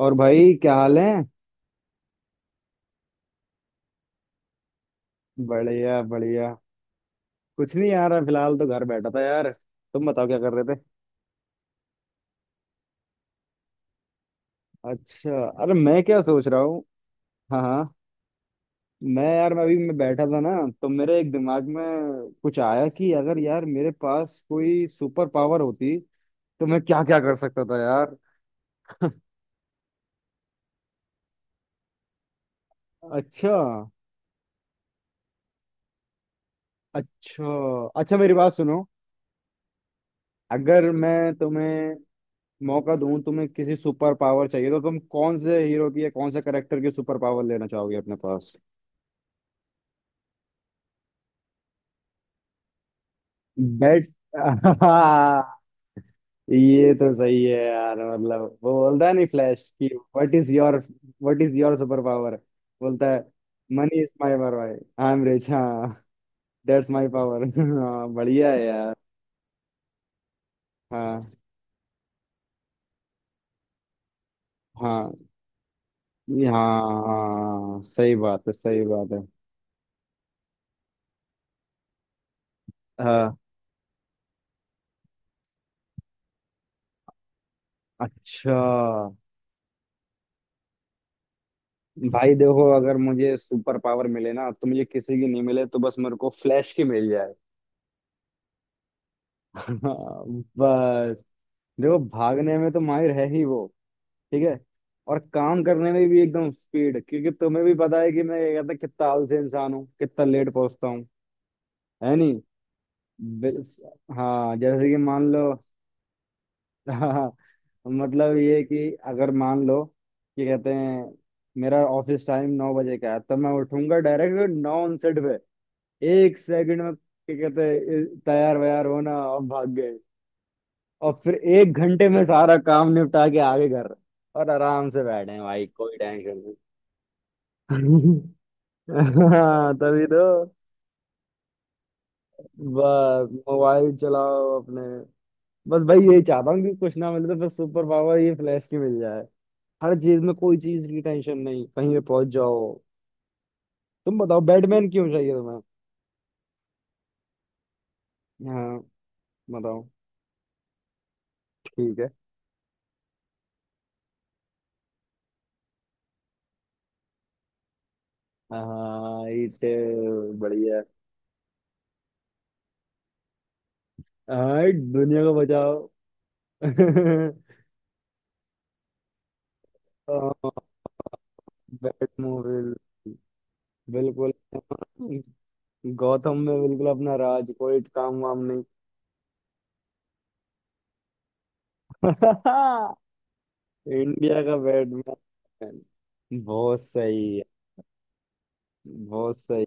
और भाई क्या हाल है? बढ़िया बढ़िया। कुछ नहीं यार, मैं फिलहाल तो घर बैठा था यार। तुम बताओ क्या कर रहे थे? अच्छा, अरे मैं क्या सोच रहा हूँ। हाँ हाँ। मैं यार मैं अभी मैं बैठा था ना, तो मेरे एक दिमाग में कुछ आया कि अगर यार मेरे पास कोई सुपर पावर होती तो मैं क्या क्या कर सकता था यार। अच्छा। अच्छा। अच्छा, मेरी बात सुनो। अगर मैं तुम्हें मौका दूं, तुम्हें किसी सुपर पावर चाहिए तो तुम कौन से हीरो की या कौन से करेक्टर की सुपर पावर लेना चाहोगे अपने पास? बेट। हाँ। ये तो सही है यार, मतलब वो बोलता है नहीं, फ्लैश, कि what is your, what is your super power बोलता है, मनी इज माय पावर भाई, आई एम रिच। हाँ। That's my power. हाँ बढ़िया है यार। हाँ हाँ। हाँ सही बात है, सही बात है। हाँ। अच्छा। भाई देखो, अगर मुझे सुपर पावर मिले ना तो मुझे किसी की नहीं मिले, तो बस मेरे को फ्लैश की मिल जाए। बस। देखो भागने में तो माहिर है ही वो। ठीक है। और काम करने में भी एकदम स्पीड, क्योंकि तुम्हें भी पता है कि मैं ये कहता कितना आलसी इंसान हूँ, कितना लेट पहुंचता हूँ, है नहीं। बिल- हाँ, जैसे कि मान लो। हाँ, मतलब ये कि अगर मान लो कि कहते हैं मेरा ऑफिस टाइम 9 बजे का है, तब मैं उठूंगा डायरेक्ट 9:59 पे। 1 सेकंड में क्या कहते हैं तैयार वैयार होना और भाग गए, और फिर 1 घंटे में सारा काम निपटा के आगे घर। और आराम से बैठे हैं भाई, कोई टेंशन नहीं। हाँ तभी तो। बस मोबाइल चलाओ अपने। बस भाई यही चाहता हूँ कि कुछ ना मिले तो बस सुपर पावर ये फ्लैश की मिल जाए। हर चीज में कोई चीज की टेंशन नहीं, कहीं पे पहुंच जाओ। तुम बताओ बैटमैन क्यों चाहिए तुम्हें? हाँ बताओ। ठीक है। हाँ इट। बढ़िया है। हाँ दुनिया को बचाओ। बैट। बिल्कुल। गौतम में बिल्कुल अपना राज, कोई काम वाम नहीं। इंडिया का बैटमैन। बहुत सही है। बहुत सही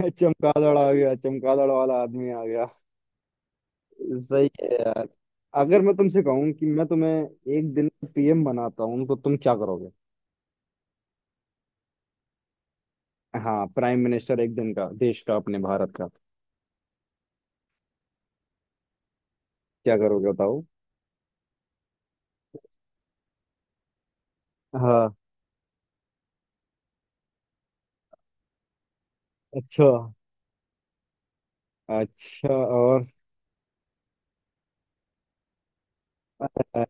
है। चमगादड़ आ गया, चमगादड़ वाला आदमी आ गया। सही है यार। अगर मैं तुमसे कहूं कि मैं तुम्हें एक दिन पीएम बनाता हूं तो तुम क्या करोगे? हाँ प्राइम मिनिस्टर, एक दिन का देश का, अपने भारत का। क्या करोगे बताओ? हाँ। अच्छा अच्छा। और? हाँ।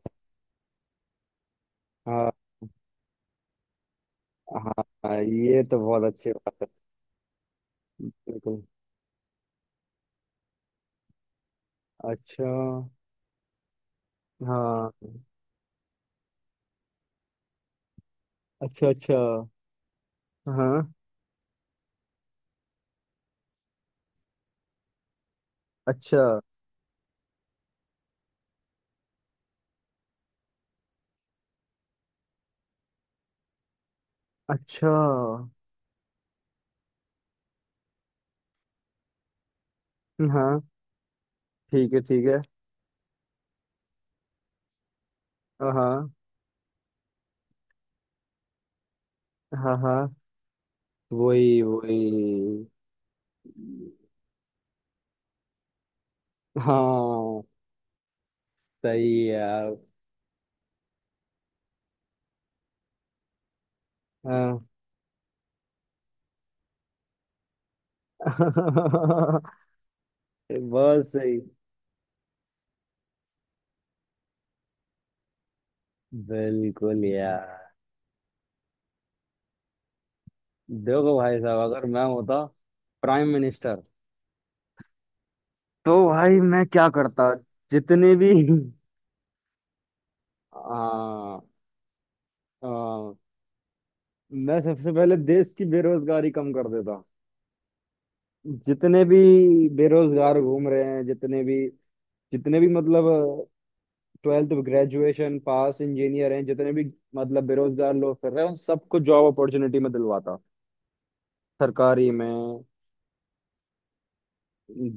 हाँ। हाँ, ये तो बहुत अच्छी बात। बिल्कुल। अच्छा। हाँ। अच्छा अच्छा। हाँ। अच्छा अच्छा। हाँ। ठीक है ठीक है। हाँ हाँ। हाँ। हाँ, वही वही। हाँ सही है यार। हाँ। बहुत सही। बिल्कुल यार। देखो भाई साहब, अगर मैं होता प्राइम मिनिस्टर तो भाई मैं क्या करता। जितने भी। हाँ। हाँ, मैं सबसे पहले देश की बेरोजगारी कम कर देता। जितने भी बेरोजगार घूम रहे हैं, जितने भी, जितने भी मतलब ट्वेल्थ ग्रेजुएशन पास इंजीनियर हैं, जितने भी मतलब बेरोजगार लोग कर रहे हैं उन सबको जॉब अपॉर्चुनिटी में दिलवाता। सरकारी में।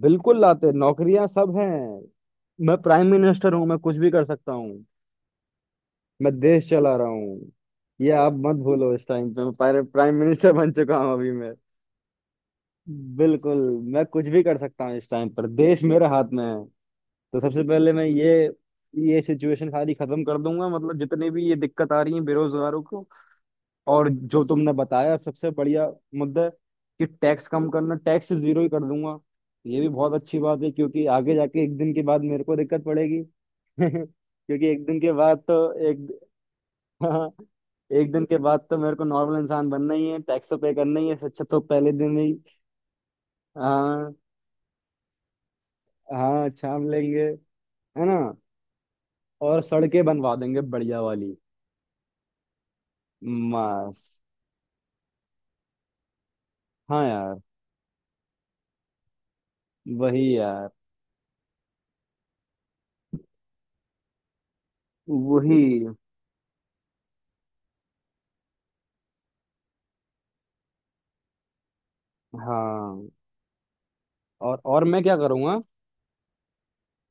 बिल्कुल लाते नौकरियां, सब हैं। मैं प्राइम मिनिस्टर हूँ, मैं कुछ भी कर सकता हूँ। मैं देश चला रहा हूँ, ये आप मत भूलो इस टाइम पे। मैं प्राइम मिनिस्टर बन चुका हूँ अभी मैं। बिल्कुल। मैं कुछ भी कर सकता हूँ इस टाइम पर, देश मेरे हाथ में है। तो सबसे पहले मैं ये सिचुएशन सारी खत्म कर दूंगा, मतलब जितने भी ये दिक्कत आ रही है बेरोजगारों को। और जो तुमने बताया सबसे बढ़िया मुद्दा है कि टैक्स कम करना, टैक्स जीरो ही कर दूंगा। ये भी बहुत अच्छी बात है क्योंकि आगे जाके एक दिन के बाद मेरे को दिक्कत पड़ेगी। क्योंकि एक दिन के बाद तो एक एक दिन के बाद तो मेरे को नॉर्मल इंसान बनना ही है, टैक्स तो पे करना ही है। अच्छा तो पहले दिन ही। हाँ, हाँ छाप लेंगे। है ना। और सड़कें बनवा देंगे बढ़िया वाली। मस्त। हाँ यार। वही यार वही। हाँ। और मैं क्या करूँगा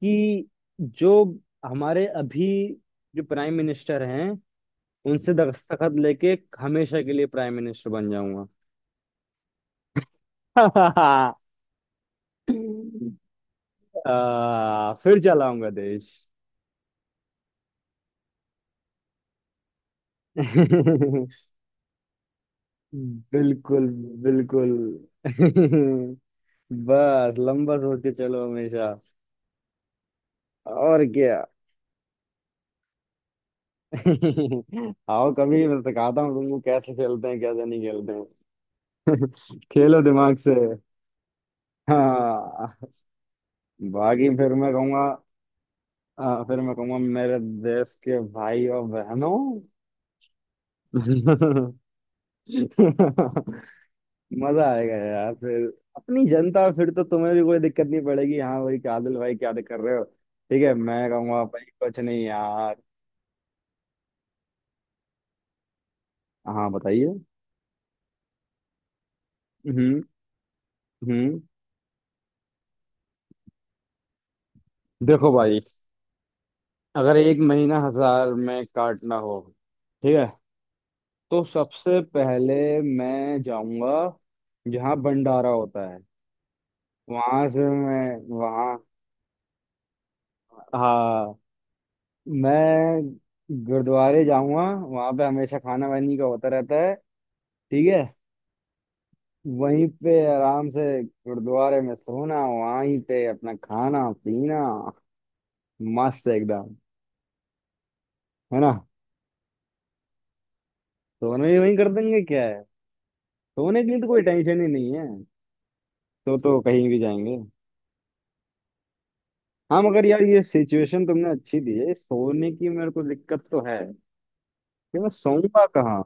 कि जो हमारे अभी, जो प्राइम मिनिस्टर हैं, उनसे दस्तखत लेके हमेशा के लिए प्राइम मिनिस्टर बन जाऊंगा। आ, फिर चलाऊंगा देश। बिल्कुल बिल्कुल। बस लंबा सोच के चलो हमेशा। और क्या। आओ कभी मैं सिखाता हूँ तुमको कैसे खेलते हैं, कैसे नहीं खेलते हैं। खेलो दिमाग से। हाँ, बाकी फिर मैं कहूंगा। हाँ, फिर मैं कहूंगा मेरे देश के भाई और बहनों। मजा आएगा यार फिर। अपनी जनता, फिर तो तुम्हें भी कोई दिक्कत नहीं पड़ेगी, हाँ भाई, क्या आदिल भाई क्या कर रहे हो। ठीक है, मैं कहूंगा भाई कुछ नहीं यार। हाँ बताइए। हम्म हम्म। देखो भाई, अगर एक महीना 1,000 में काटना हो, ठीक है, तो सबसे पहले मैं जाऊंगा जहाँ भंडारा होता है। वहां से मैं, वहाँ, हाँ, मैं गुरुद्वारे जाऊंगा। वहां पे हमेशा खाना वानी का होता रहता है। ठीक है। वहीं पे आराम से गुरुद्वारे में सोना, वहीं पे अपना खाना पीना। मस्त एकदम। है ना। सोना भी वहीं कर देंगे, क्या है सोने के लिए तो कोई टेंशन ही नहीं है, तो कहीं भी जाएंगे। हाँ मगर यार ये सिचुएशन तुमने अच्छी दी है, सोने की मेरे को दिक्कत तो है कि मैं सोऊंगा कहाँ।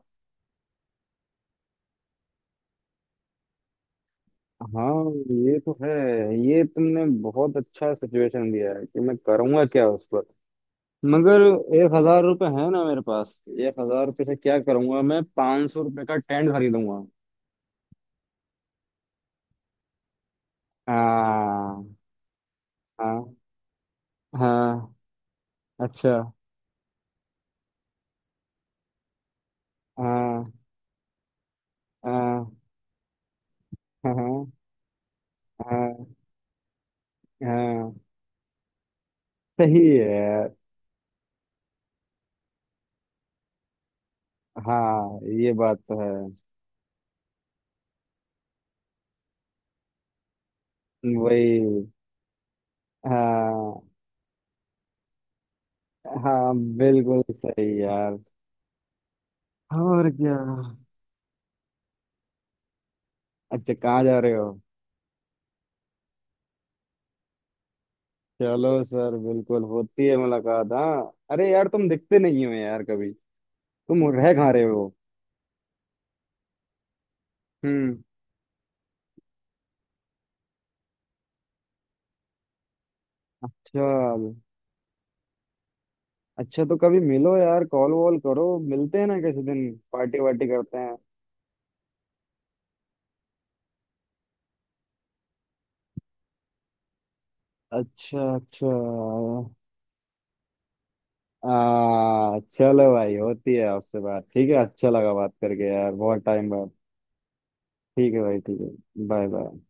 हाँ ये तो है। ये तुमने बहुत अच्छा सिचुएशन दिया है कि मैं करूंगा क्या उस पर। मगर 1,000 रुपये है ना मेरे पास। 1,000 रुपये से क्या करूंगा, मैं 500 रुपये का टेंट खरीदूंगा। हाँ हाँ हाँ। अच्छा। हाँ हाँ हाँ हाँ हाँ। सही है यार। हाँ ये बात तो है। वही। हाँ हाँ बिल्कुल सही यार। और क्या। अच्छा कहाँ जा रहे हो? चलो सर, बिल्कुल, होती है मुलाकात। हाँ अरे यार तुम दिखते नहीं हो यार कभी। तुम रह कहाँ रहे हो? हम्म। चल। अच्छा तो कभी मिलो यार, कॉल वॉल करो, मिलते हैं ना किसी दिन पार्टी वार्टी करते हैं। अच्छा अच्छा। आ चलो भाई, होती है आपसे बात। ठीक है, अच्छा लगा बात करके यार, बहुत टाइम बाद। ठीक है भाई, ठीक है। Bye bye.